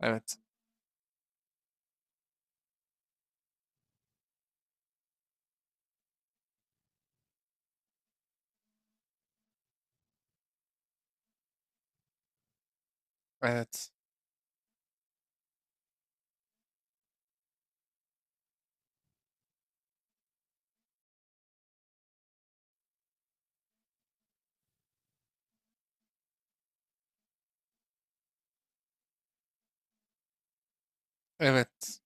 Evet, evet, evet.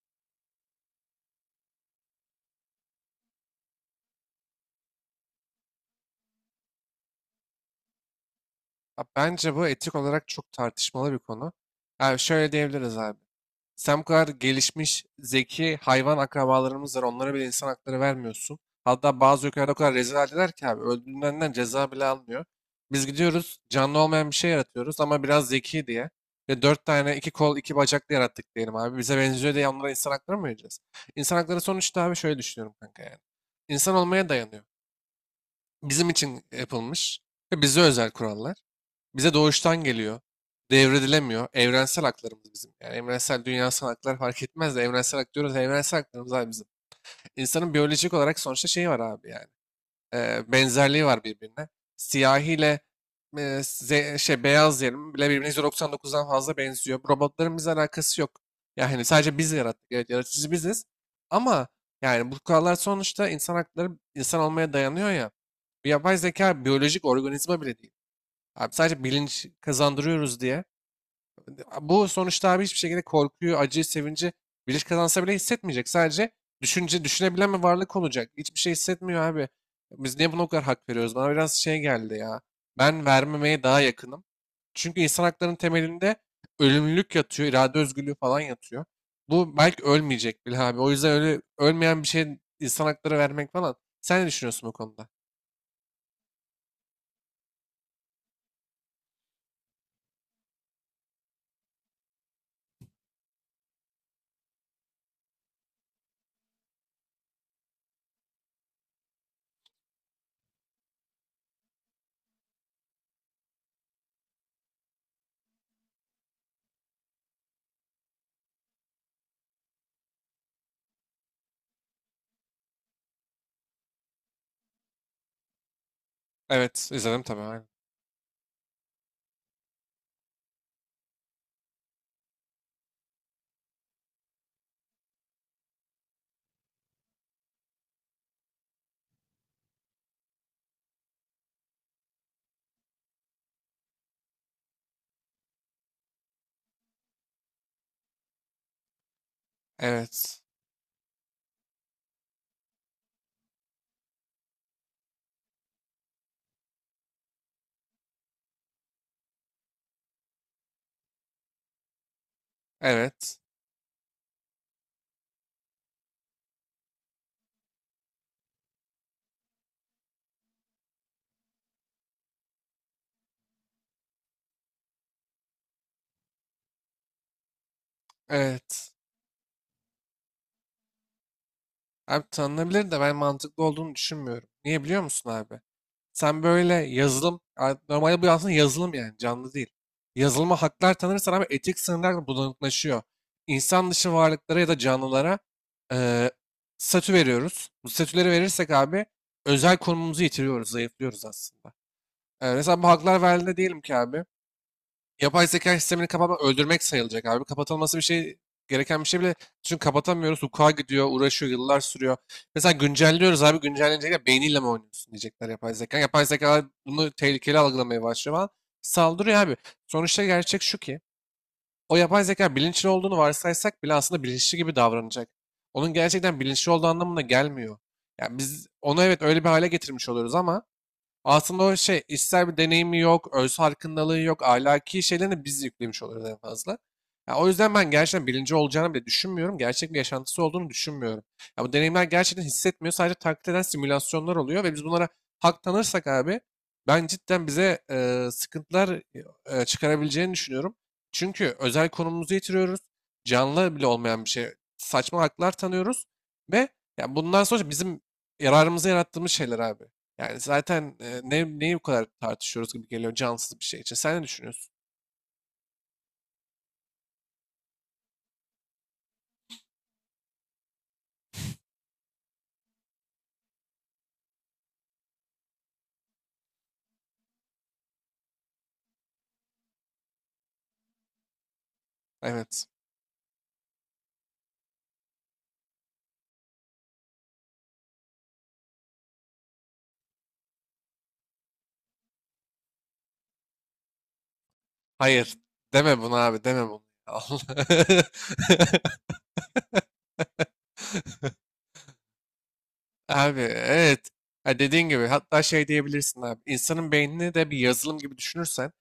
Ha, bence bu etik olarak çok tartışmalı bir konu. Yani şöyle diyebiliriz abi. Sen bu kadar gelişmiş, zeki hayvan akrabalarımız var. Onlara bile insan hakları vermiyorsun. Hatta bazı ülkelerde o kadar rezil haldeler ki abi. Öldüğünden ceza bile almıyor. Biz gidiyoruz canlı olmayan bir şey yaratıyoruz ama biraz zeki diye. Ve dört tane iki kol iki bacaklı yarattık diyelim abi. Bize benziyor diye onlara insan hakları mı vereceğiz? İnsan hakları sonuçta abi şöyle düşünüyorum kanka yani. İnsan olmaya dayanıyor, bizim için yapılmış ve bize özel kurallar. Bize doğuştan geliyor. Devredilemiyor. Evrensel haklarımız bizim. Yani evrensel dünyasal haklar fark etmez de evrensel hak diyoruz. Evrensel haklarımız abi bizim. İnsanın biyolojik olarak sonuçta şeyi var abi yani benzerliği var birbirine. Siyahi ile şey, beyaz diyelim bile birbirine %99'dan fazla benziyor. Robotların bizle alakası yok. Yani hani sadece biz yarattık. Evet yaratıcı biziz. Ama yani bu kurallar sonuçta insan hakları insan olmaya dayanıyor ya. Bir yapay zeka biyolojik organizma bile değil. Abi sadece bilinç kazandırıyoruz diye. Bu sonuçta abi hiçbir şekilde korkuyu, acıyı, sevinci bilinç kazansa bile hissetmeyecek. Sadece düşünce, düşünebilen bir varlık olacak. Hiçbir şey hissetmiyor abi. Biz niye buna o kadar hak veriyoruz? Bana biraz şey geldi ya. Ben vermemeye daha yakınım. Çünkü insan haklarının temelinde ölümlülük yatıyor, irade özgürlüğü falan yatıyor. Bu belki ölmeyecek bile abi. O yüzden öyle ölmeyen bir şey insan hakları vermek falan. Sen ne düşünüyorsun bu konuda? Evet, izledim tabii. Aynen. Evet, evet, evet. Abi tanınabilir de ben mantıklı olduğunu düşünmüyorum. Niye biliyor musun abi? Sen böyle yazılım, normalde bu aslında yazılım yani canlı değil. Yazılıma haklar tanırsan abi etik sınırlar da bulanıklaşıyor. İnsan dışı varlıklara ya da canlılara eee statü veriyoruz. Bu statüleri verirsek abi özel konumumuzu yitiriyoruz, zayıflıyoruz aslında. Mesela bu haklar verildi diyelim ki abi. Yapay zeka sistemini kapatmak öldürmek sayılacak abi. Kapatılması bir şey gereken bir şey bile. Çünkü kapatamıyoruz. Hukuka gidiyor, uğraşıyor, yıllar sürüyor. Mesela güncelliyoruz abi. Güncellenecekler. Beyniyle mi oynuyorsun diyecekler yapay zeka. Yapay zeka bunu tehlikeli algılamaya başlıyor falan. Saldırıyor abi. Sonuçta gerçek şu ki o yapay zeka bilinçli olduğunu varsaysak bile aslında bilinçli gibi davranacak. Onun gerçekten bilinçli olduğu anlamına gelmiyor. Yani biz onu evet öyle bir hale getirmiş oluyoruz ama aslında o şey işsel bir deneyimi yok, öz farkındalığı yok, ahlaki şeylerini biz yüklemiş oluyoruz en fazla. Ya o yüzden ben gerçekten birinci olacağını bile düşünmüyorum. Gerçek bir yaşantısı olduğunu düşünmüyorum. Ya bu deneyimler gerçekten hissetmiyor. Sadece taklit eden simülasyonlar oluyor ve biz bunlara hak tanırsak abi ben cidden bize sıkıntılar çıkarabileceğini düşünüyorum. Çünkü özel konumumuzu yitiriyoruz. Canlı bile olmayan bir şey. Saçma haklar tanıyoruz ve ya bundan sonra bizim yararımıza yarattığımız şeyler abi. Yani zaten neyi bu kadar tartışıyoruz gibi geliyor cansız bir şey için. Sen ne düşünüyorsun? Evet. Hayır. Deme bunu abi, deme bunu. Allah. Abi evet. Ha, dediğin gibi hatta şey diyebilirsin abi. İnsanın beynini de bir yazılım gibi düşünürsen,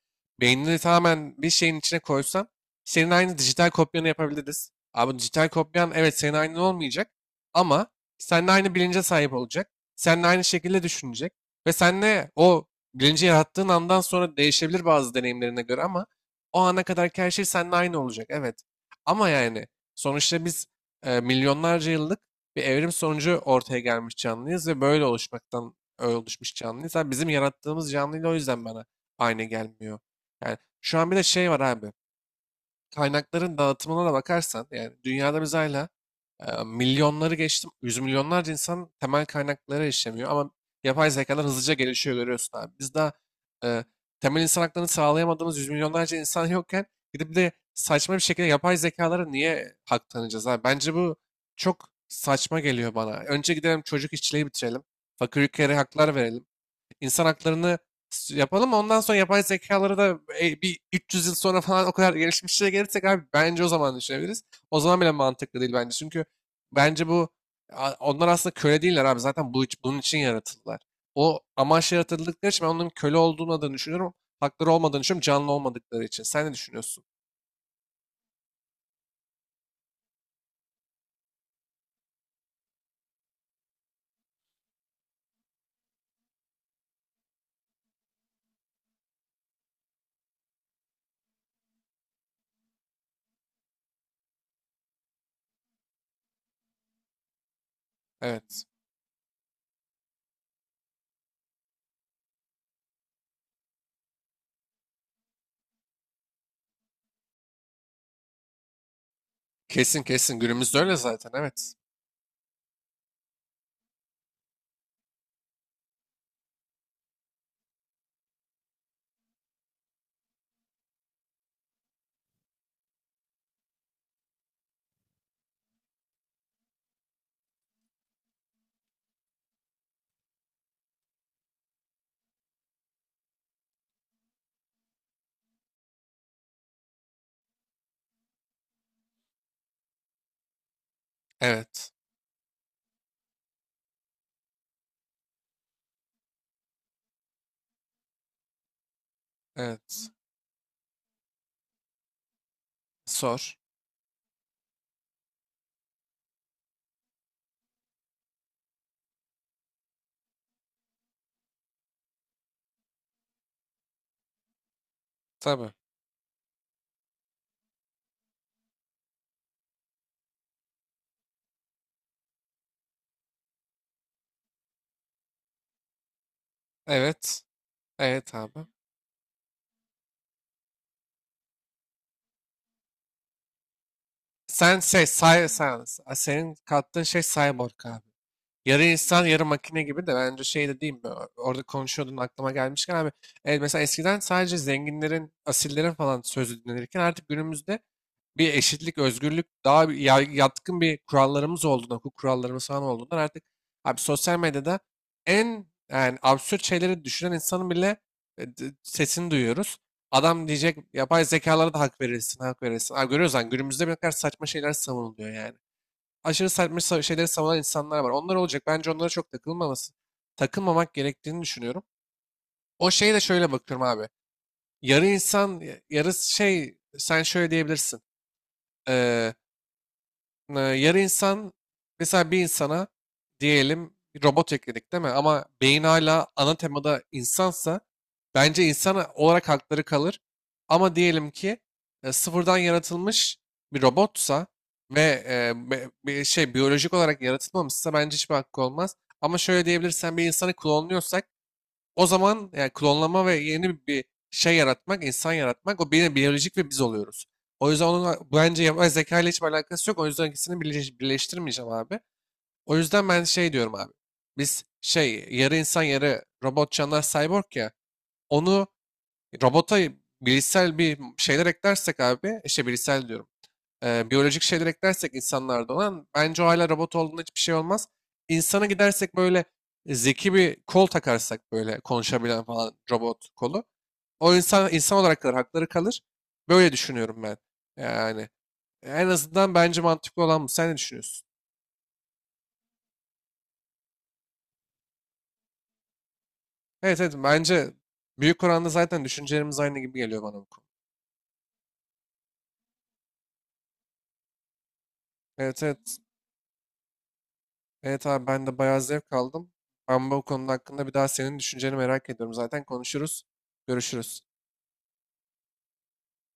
beynini tamamen bir şeyin içine koysan, senin aynı dijital kopyanı yapabiliriz. Abi dijital kopyan evet senin aynın olmayacak ama seninle aynı bilince sahip olacak. Seninle aynı şekilde düşünecek ve seninle o bilinci yarattığın andan sonra değişebilir bazı deneyimlerine göre ama o ana kadarki her şey seninle aynı olacak. Evet. Ama yani sonuçta biz milyonlarca yıllık bir evrim sonucu ortaya gelmiş canlıyız ve böyle oluşmaktan oluşmuş canlıyız. Abi bizim yarattığımız canlıyla o yüzden bana aynı gelmiyor. Yani şu an bir de şey var abi kaynakların dağıtımına da bakarsan yani dünyada biz hala milyonları geçtim. Yüz milyonlarca insan temel kaynaklara erişemiyor ama yapay zekalar hızlıca gelişiyor görüyorsun abi. Biz daha e, temel insan haklarını sağlayamadığımız yüz milyonlarca insan yokken gidip de saçma bir şekilde yapay zekalara niye hak tanıyacağız abi? Bence bu çok saçma geliyor bana. Önce gidelim çocuk işçiliği bitirelim. Fakir ülkelere haklar verelim insan haklarını yapalım. Ondan sonra yapay zekaları da bir 300 yıl sonra falan o kadar gelişmişlere gelirsek abi bence o zaman düşünebiliriz. O zaman bile mantıklı değil bence. Çünkü bence bu onlar aslında köle değiller abi. Zaten bunun için yaratıldılar. O amaç yaratıldıkları için ben onların köle olduğunu adını düşünüyorum. Hakları olmadığını düşünüyorum. Canlı olmadıkları için. Sen ne düşünüyorsun? Evet. Kesin kesin. Günümüzde öyle zaten. Evet. Evet. Evet. Sor. Tabii. Evet. Evet abi. Sen şey say, senin kattığın şey cyborg abi. Yarı insan yarı makine gibi de bence şey de değil mi? Orada konuşuyordun aklıma gelmişken abi. Mesela eskiden sadece zenginlerin, asillerin falan sözü dinlenirken artık günümüzde bir eşitlik, özgürlük, daha bir yatkın bir kurallarımız olduğundan, hukuk kurallarımız falan olduğundan artık abi sosyal medyada en yani absürt şeyleri düşünen insanın bile sesini duyuyoruz. Adam diyecek yapay zekalara da hak verilsin, hak verilsin. Abi görüyoruz lan günümüzde bir ne kadar saçma şeyler savunuluyor yani. Aşırı saçma şeyleri savunan insanlar var. Onlar olacak. Bence onlara çok takılmaması, takılmamak gerektiğini düşünüyorum. O şeye de şöyle bakıyorum abi. Yarı insan, yarı şey sen şöyle diyebilirsin. Yarı insan mesela bir insana diyelim bir robot ekledik değil mi? Ama beyin hala ana temada insansa bence insan olarak hakları kalır. Ama diyelim ki sıfırdan yaratılmış bir robotsa ve bir şey biyolojik olarak yaratılmamışsa bence hiçbir hakkı olmaz. Ama şöyle diyebilirsen bir insanı klonluyorsak o zaman yani klonlama ve yeni bir şey yaratmak, insan yaratmak o yine biyolojik ve biz oluyoruz. O yüzden onun bence yapay zeka ile hiçbir alakası yok. O yüzden ikisini birleştirmeyeceğim abi. O yüzden ben şey diyorum abi. Biz şey yarı insan yarı robot canlar cyborg ya. Onu robota bilişsel bir şeyler eklersek abi işte bilişsel diyorum biyolojik şeyler eklersek insanlarda olan bence o hala robot olduğunda hiçbir şey olmaz. İnsana gidersek böyle zeki bir kol takarsak böyle konuşabilen falan robot kolu. O insan insan olarak kalır, hakları kalır. Böyle düşünüyorum ben. Yani en azından bence mantıklı olan bu. Sen ne düşünüyorsun? Evet evet bence büyük oranda zaten düşüncelerimiz aynı gibi geliyor bana bu konu. Evet evet. Evet abi ben de bayağı zevk aldım. Ama bu konu hakkında bir daha senin düşünceni merak ediyorum. Zaten konuşuruz. Görüşürüz.